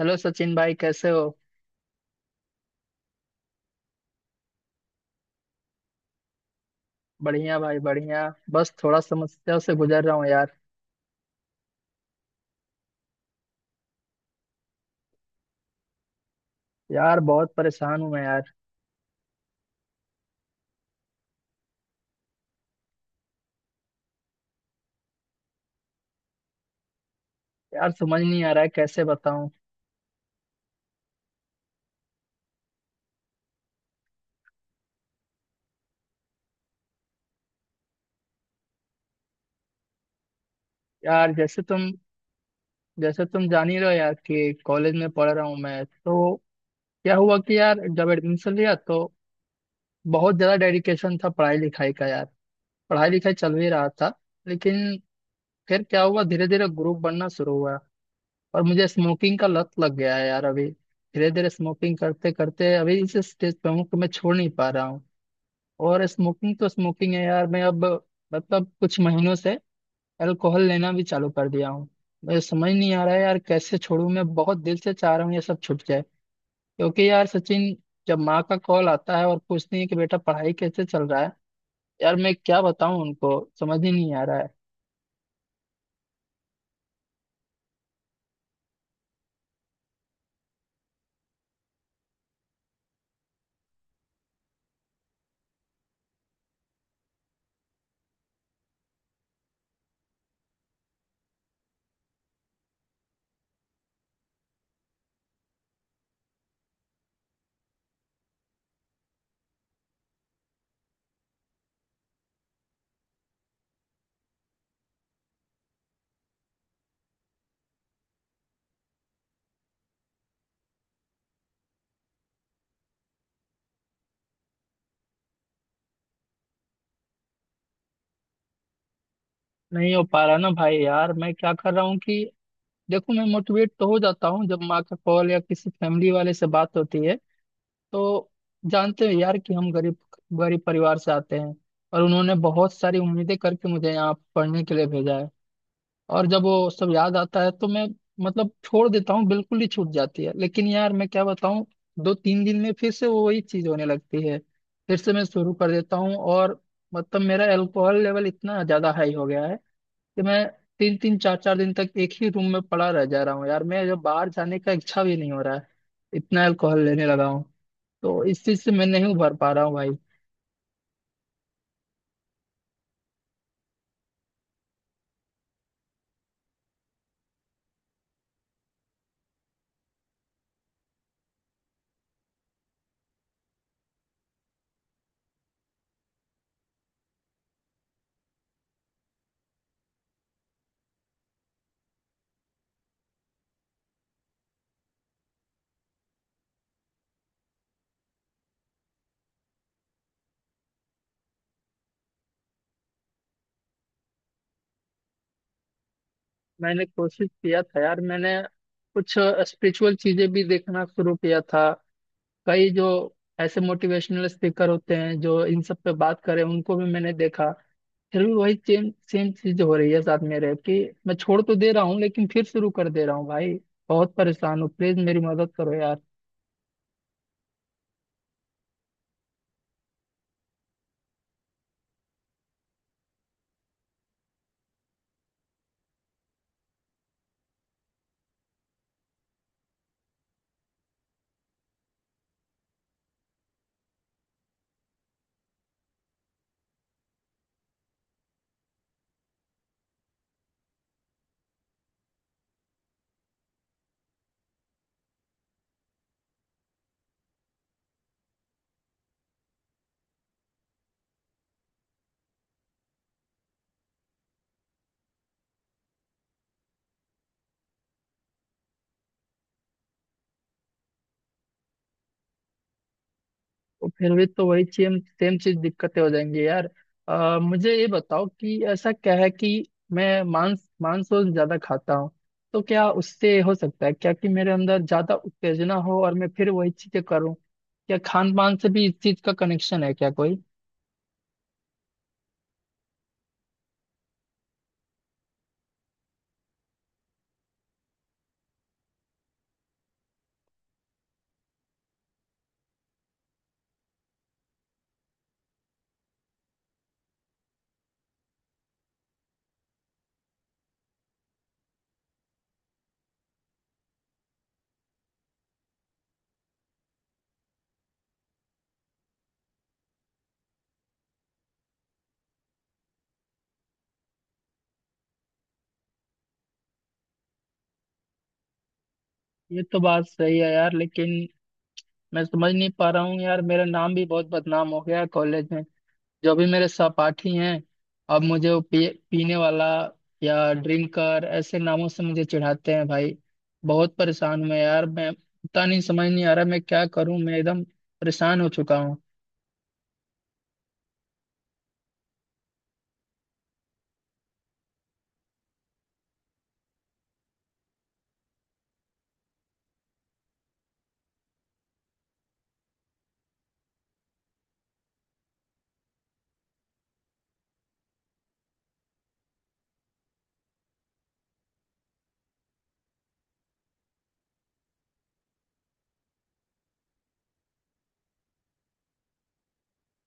Hello Sachin भाई, कैसे हो? बढ़िया भाई, बढ़िया। बस थोड़ा समस्या से गुजर रहा हूँ यार। यार, बहुत परेशान हूँ मैं यार। यार, समझ नहीं आ रहा है कैसे बताऊँ। यार, जैसे तुम जान ही रहो यार कि कॉलेज में पढ़ रहा हूँ मैं तो। क्या हुआ कि यार, जब एडमिशन लिया तो बहुत ज़्यादा डेडिकेशन था पढ़ाई लिखाई का यार। पढ़ाई लिखाई चल भी रहा था, लेकिन फिर क्या हुआ, धीरे धीरे ग्रुप बनना शुरू हुआ। और मुझे स्मोकिंग का लत लग गया है यार अभी। धीरे धीरे स्मोकिंग करते करते अभी इस स्टेज पे हूँ कि मैं छोड़ नहीं पा रहा हूँ। और स्मोकिंग तो स्मोकिंग है यार, मैं अब मतलब कुछ महीनों से अल्कोहल लेना भी चालू कर दिया हूँ। मुझे समझ नहीं आ रहा है यार, कैसे छोड़ूं। मैं बहुत दिल से चाह रहा हूँ ये सब छूट जाए। क्योंकि यार सचिन, जब माँ का कॉल आता है और पूछती है कि बेटा पढ़ाई कैसे चल रहा है, यार मैं क्या बताऊं उनको, समझ ही नहीं आ रहा है। नहीं हो पा रहा ना भाई, यार मैं क्या कर रहा हूँ कि देखो, मैं मोटिवेट तो हो जाता हूँ जब माँ का कॉल या किसी फैमिली वाले से बात होती है। तो जानते हो यार कि हम गरीब गरीब परिवार से आते हैं, और उन्होंने बहुत सारी उम्मीदें करके मुझे यहाँ पढ़ने के लिए भेजा है। और जब वो सब याद आता है तो मैं मतलब छोड़ देता हूँ, बिल्कुल ही छूट जाती है। लेकिन यार मैं क्या बताऊँ, दो तीन दिन में फिर से वो वही चीज होने लगती है। फिर से मैं शुरू कर देता हूँ। और मतलब मेरा अल्कोहल लेवल इतना ज्यादा हाई हो गया है कि मैं तीन तीन चार चार दिन तक एक ही रूम में पड़ा रह जा रहा हूँ यार। मैं जब बाहर जाने का इच्छा भी नहीं हो रहा है, इतना अल्कोहल लेने लगा हूँ। तो इस चीज से मैं नहीं उभर पा रहा हूँ भाई। मैंने कोशिश किया था यार, मैंने कुछ स्पिरिचुअल चीजें भी देखना शुरू किया था। कई जो ऐसे मोटिवेशनल स्पीकर होते हैं जो इन सब पे बात करें, उनको भी मैंने देखा। फिर भी वही सेम सेम चीज हो रही है साथ मेरे कि मैं छोड़ तो दे रहा हूँ लेकिन फिर शुरू कर दे रहा हूँ भाई। बहुत परेशान हूँ, प्लीज मेरी मदद करो यार। तो फिर भी तो वही सेम सेम चीज दिक्कतें हो जाएंगी यार। मुझे ये बताओ कि ऐसा क्या है कि मैं मांस मांस और ज्यादा खाता हूँ, तो क्या उससे हो सकता है क्या कि मेरे अंदर ज्यादा उत्तेजना हो और मैं फिर वही चीजें करूँ? क्या खान पान से भी इस चीज का कनेक्शन है क्या कोई? ये तो बात सही है यार, लेकिन मैं समझ नहीं पा रहा हूँ यार। मेरा नाम भी बहुत बदनाम हो गया है कॉलेज में। जो भी मेरे सहपाठी हैं, अब मुझे वो पीने वाला या ड्रिंकर ऐसे नामों से मुझे चिढ़ाते हैं भाई। बहुत परेशान हूँ यार मैं, पता नहीं, समझ नहीं आ रहा मैं क्या करूँ। मैं एकदम परेशान हो चुका हूँ।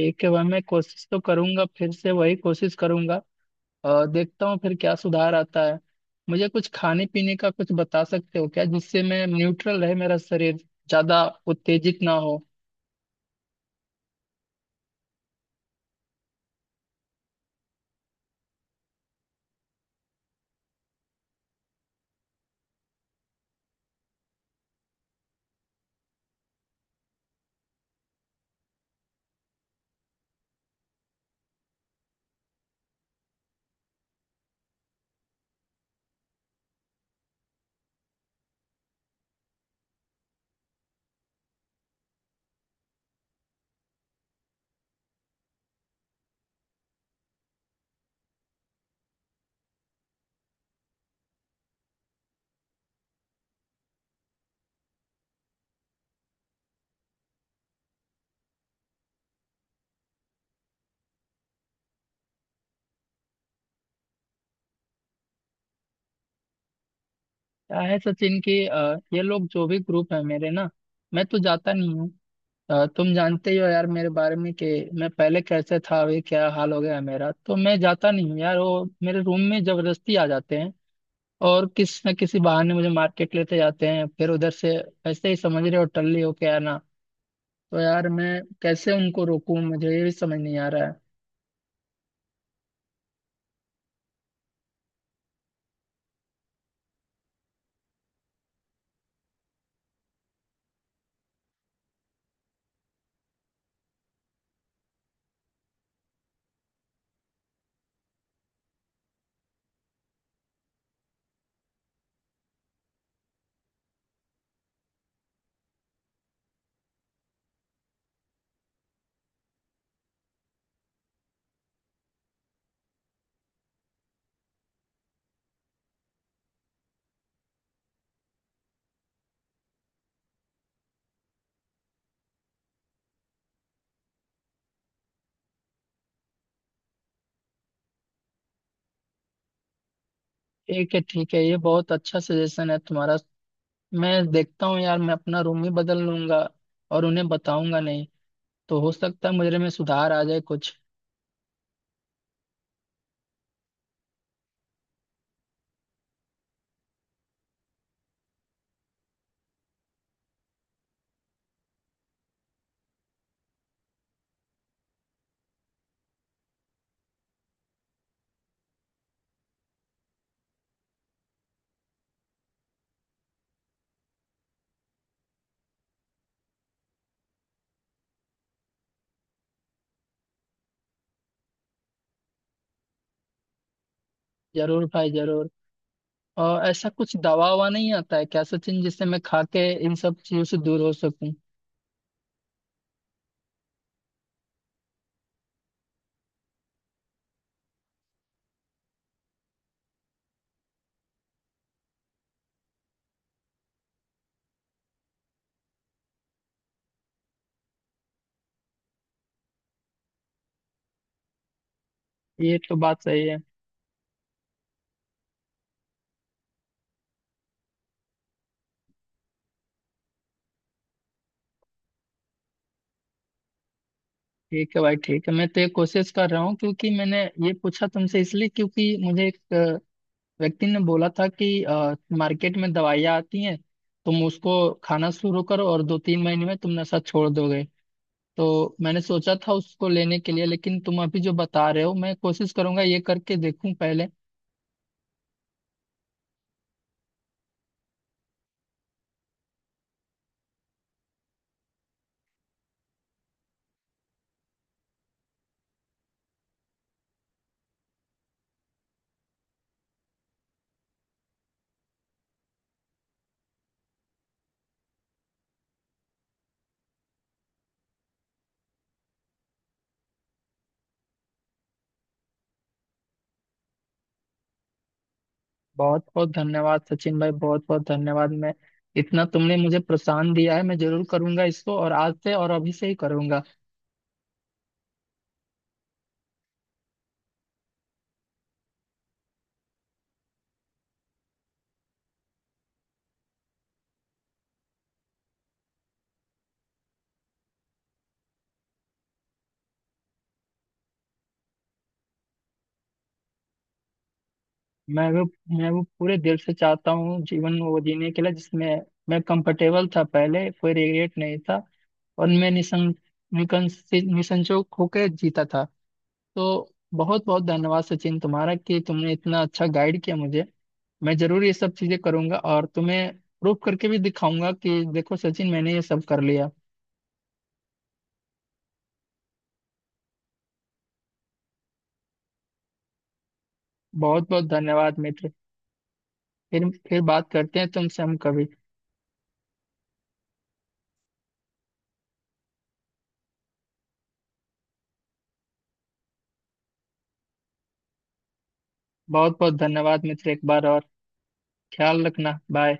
एक के बाद मैं कोशिश तो करूंगा, फिर से वही कोशिश करूंगा और देखता हूँ फिर क्या सुधार आता है। मुझे कुछ खाने पीने का कुछ बता सकते हो क्या, जिससे मैं न्यूट्रल रहे, मेरा शरीर ज्यादा उत्तेजित ना हो? क्या है सचिन की, ये लोग जो भी ग्रुप है मेरे ना, मैं तो जाता नहीं हूँ। तुम जानते ही हो यार मेरे बारे में कि मैं पहले कैसे था, अभी क्या हाल हो गया है मेरा। तो मैं जाता नहीं हूँ यार, वो मेरे रूम में जबरदस्ती आ जाते हैं और किस न किसी बहाने मुझे मार्केट लेते जाते हैं, फिर उधर से ऐसे ही समझ रहे हो, टल्ली हो के आना। तो यार मैं कैसे उनको रोकूं, मुझे ये भी समझ नहीं आ रहा है। ठीक है, ठीक है, ये बहुत अच्छा सजेशन है तुम्हारा। मैं देखता हूँ यार, मैं अपना रूम ही बदल लूंगा और उन्हें बताऊंगा नहीं। तो हो सकता है मुझे में सुधार आ जाए कुछ। जरूर भाई, जरूर। और ऐसा कुछ दवा ववा नहीं आता है क्या सचिन, जिससे मैं खा के इन सब चीजों से दूर हो सकूं? ये तो बात सही है। ठीक है भाई, ठीक है, मैं तो ये कोशिश कर रहा हूँ। क्योंकि मैंने ये पूछा तुमसे इसलिए क्योंकि मुझे एक व्यक्ति ने बोला था कि मार्केट में दवाइयाँ आती हैं, तुम उसको खाना शुरू करो और दो तीन महीने में तुम नशा छोड़ दोगे। तो मैंने सोचा था उसको लेने के लिए, लेकिन तुम अभी जो बता रहे हो, मैं कोशिश करूंगा ये करके देखूं पहले। बहुत बहुत धन्यवाद सचिन भाई, बहुत बहुत धन्यवाद। मैं, इतना तुमने मुझे प्रोत्साहन दिया है, मैं जरूर करूंगा इसको, और आज से और अभी से ही करूंगा। मैं वो मैं वो पूरे दिल से चाहता हूँ जीवन वो जीने के लिए जिसमें मैं कंफर्टेबल था पहले, कोई रिग्रेट नहीं था, और मैं निसंकोच होकर जीता था। तो बहुत बहुत धन्यवाद सचिन तुम्हारा, कि तुमने इतना अच्छा गाइड किया मुझे। मैं जरूर ये सब चीजें करूंगा और तुम्हें प्रूफ करके भी दिखाऊंगा कि देखो सचिन, मैंने ये सब कर लिया। बहुत बहुत धन्यवाद मित्र, फिर बात करते हैं तुमसे हम कभी। बहुत बहुत धन्यवाद मित्र, एक बार और। ख्याल रखना, बाय।